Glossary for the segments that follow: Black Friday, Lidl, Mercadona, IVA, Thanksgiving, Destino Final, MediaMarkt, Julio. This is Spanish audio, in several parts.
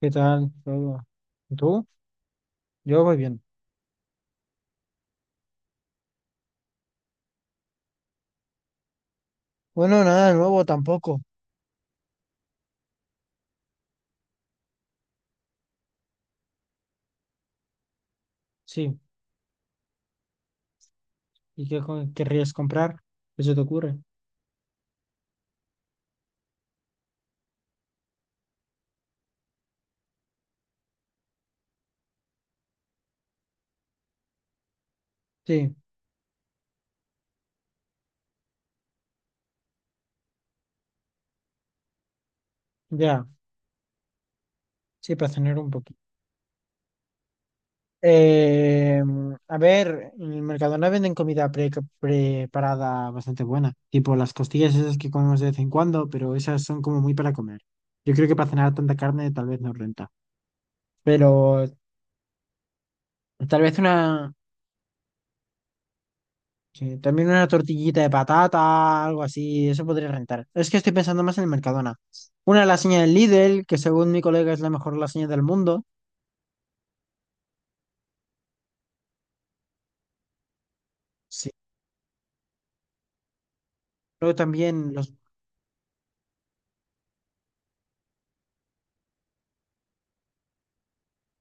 ¿Qué tal todo? ¿Y tú? Yo voy bien. Bueno, nada nuevo tampoco. Sí. ¿Y querrías comprar? ¿Qué se te ocurre? Sí, ya. Sí, para cenar un poquito. Eh, a ver, en el Mercadona venden comida preparada bastante buena. Tipo las costillas esas que comemos de vez en cuando, pero esas son como muy para comer. Yo creo que para cenar tanta carne tal vez no renta. Pero tal vez una. Sí, también una tortillita de patata, algo así, eso podría rentar. Es que estoy pensando más en el Mercadona. Una lasaña del Lidl, que según mi colega es la mejor lasaña del mundo. Sí. Pero también los...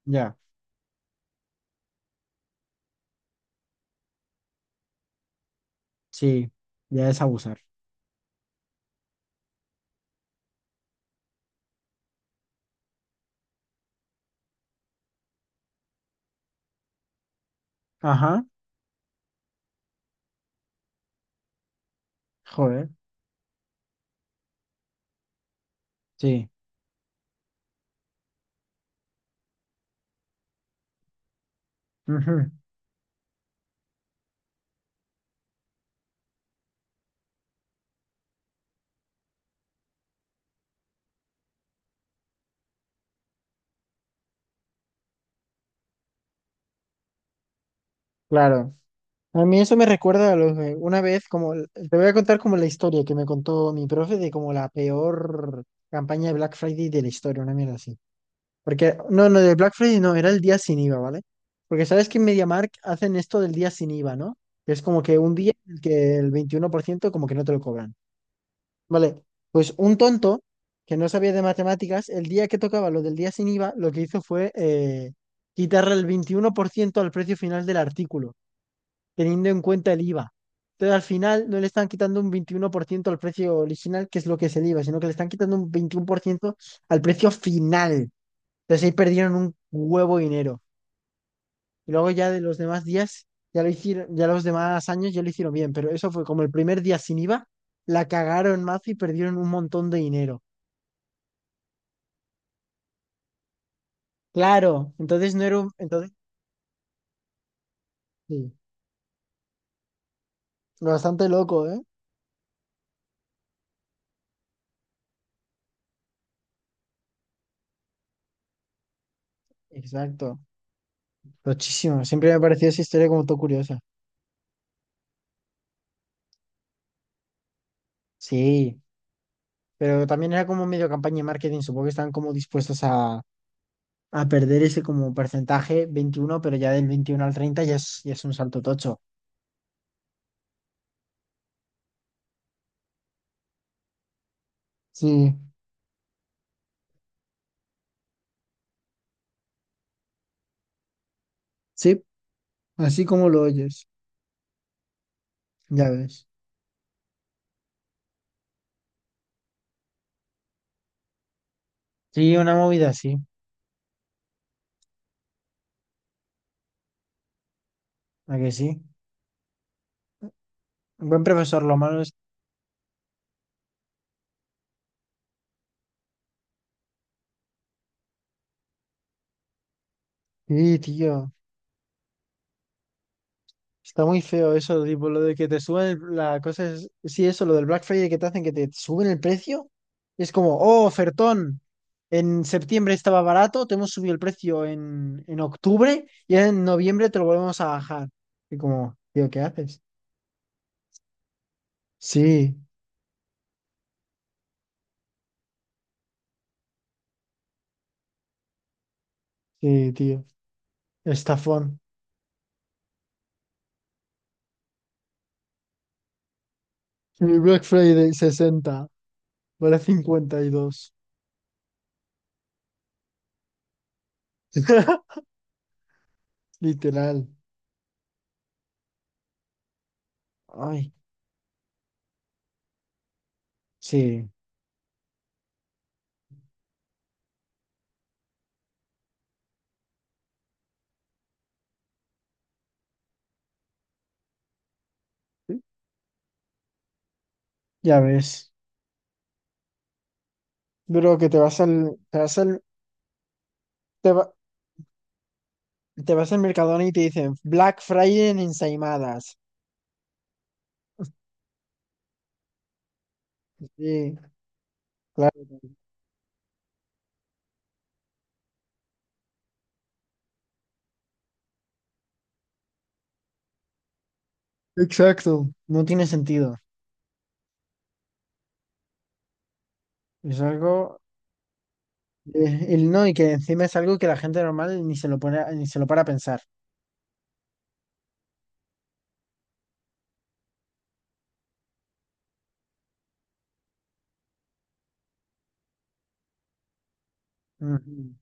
Ya, sí, ya es abusar. Ajá, joder, sí. Ujú. Claro. A mí eso me recuerda a lo de una vez, como te voy a contar como la historia que me contó mi profe, de como la peor campaña de Black Friday de la historia, una mierda así. Porque no, no, de Black Friday no, era el día sin IVA, ¿vale? Porque sabes que en MediaMarkt hacen esto del día sin IVA, ¿no? Que es como que un día en el que el 21% como que no te lo cobran. Vale, pues un tonto que no sabía de matemáticas, el día que tocaba lo del día sin IVA, lo que hizo fue quitarle el 21% al precio final del artículo, teniendo en cuenta el IVA. Entonces al final no le están quitando un 21% al precio original, que es lo que es el IVA, sino que le están quitando un 21% al precio final. Entonces ahí perdieron un huevo de dinero. Y luego ya de los demás días, ya lo hicieron, ya los demás años ya lo hicieron bien, pero eso fue como el primer día sin IVA, la cagaron más y perdieron un montón de dinero. Claro, entonces no era un, entonces, sí, bastante loco, ¿eh? Exacto, muchísimo. Siempre me ha parecido esa historia como todo curiosa. Sí, pero también era como medio campaña de marketing, supongo que estaban como dispuestos a perder ese como porcentaje 21, pero ya del 21 al 30 ya es un salto tocho. Sí. Sí, así como lo oyes, ya ves. Sí, una movida así, ¿a que sí? Un buen profesor, lo malo es... Sí, tío, está muy feo eso, tipo, lo de que te suben la cosa es... Sí, eso, lo del Black Friday que te hacen que te suben el precio. Es como, oh, ofertón, en septiembre estaba barato, te hemos subido el precio en octubre y en noviembre te lo volvemos a bajar. Y como, tío, ¿qué haces? Sí, sí, tío, estafón. Mi Black Friday 60 vale 52 literal. Ay, sí, ya ves. Bro, que te vas al, te vas al, te va- te vas al Mercadona y te dicen Black Friday en ensaimadas. Sí, claro. Exacto. No tiene sentido. Es algo, el no, y que encima es algo que la gente normal ni se lo pone, ni se lo para a pensar. Ujú.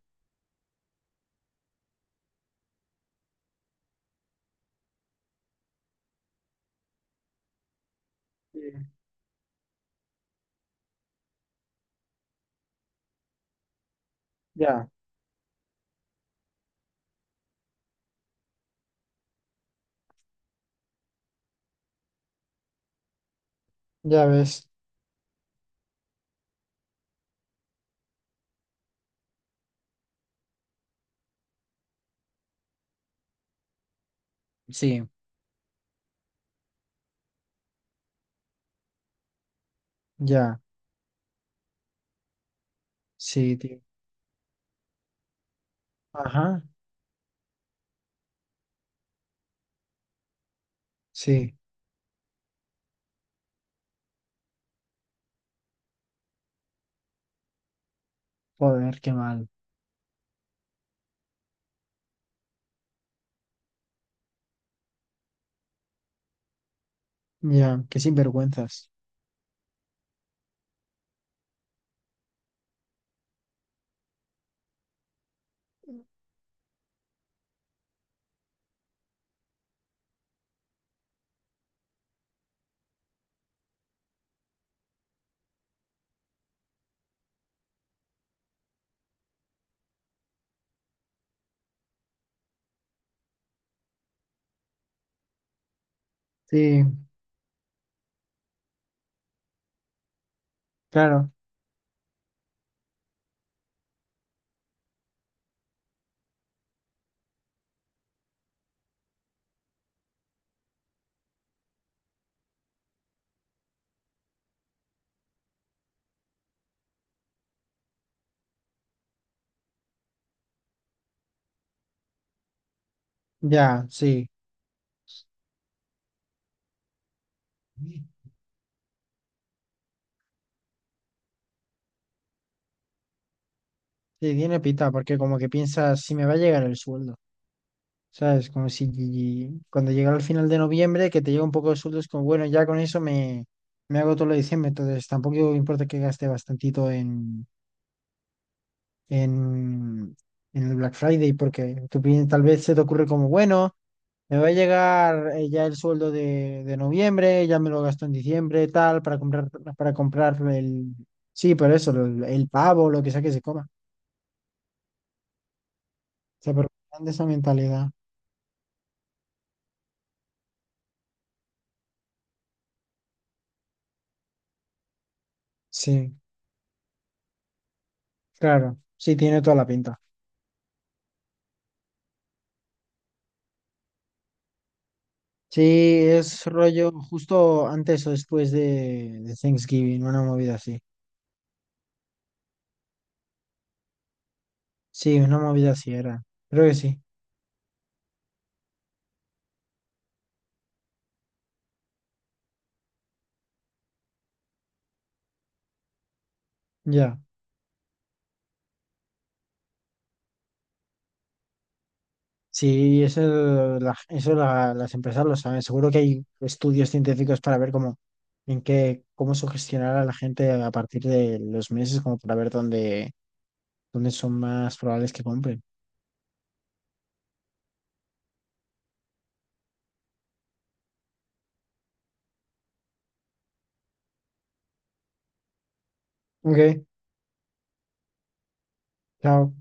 Sí. Ya, ya ves. Sí, ya, sí, tío. Ajá, sí. Joder, qué mal. Ya, qué sinvergüenzas. Sí, claro. Ya, sí. Sí, tiene pita, porque como que piensas, si me va a llegar el sueldo, ¿sabes? Como si cuando llegara al final de noviembre, que te llega un poco de sueldo, es como, bueno, ya con eso me, me hago todo lo de diciembre, entonces tampoco importa que gaste bastantito en, en el Black Friday, porque tal vez se te ocurre como, bueno, me va a llegar ya el sueldo de noviembre, ya me lo gasto en diciembre, tal, para comprar el, sí, por eso, el pavo, lo que sea que se coma. Se aprovechan de esa mentalidad. Sí, claro. Sí, tiene toda la pinta. Sí, es rollo justo antes o después de Thanksgiving, una movida así. Sí, una movida así era. Creo que sí. Ya. Sí, eso, eso las empresas lo saben. Seguro que hay estudios científicos para ver cómo, en qué, cómo sugestionar a la gente a partir de los meses, como para ver dónde, dónde son más probables que compren. Ok, chao.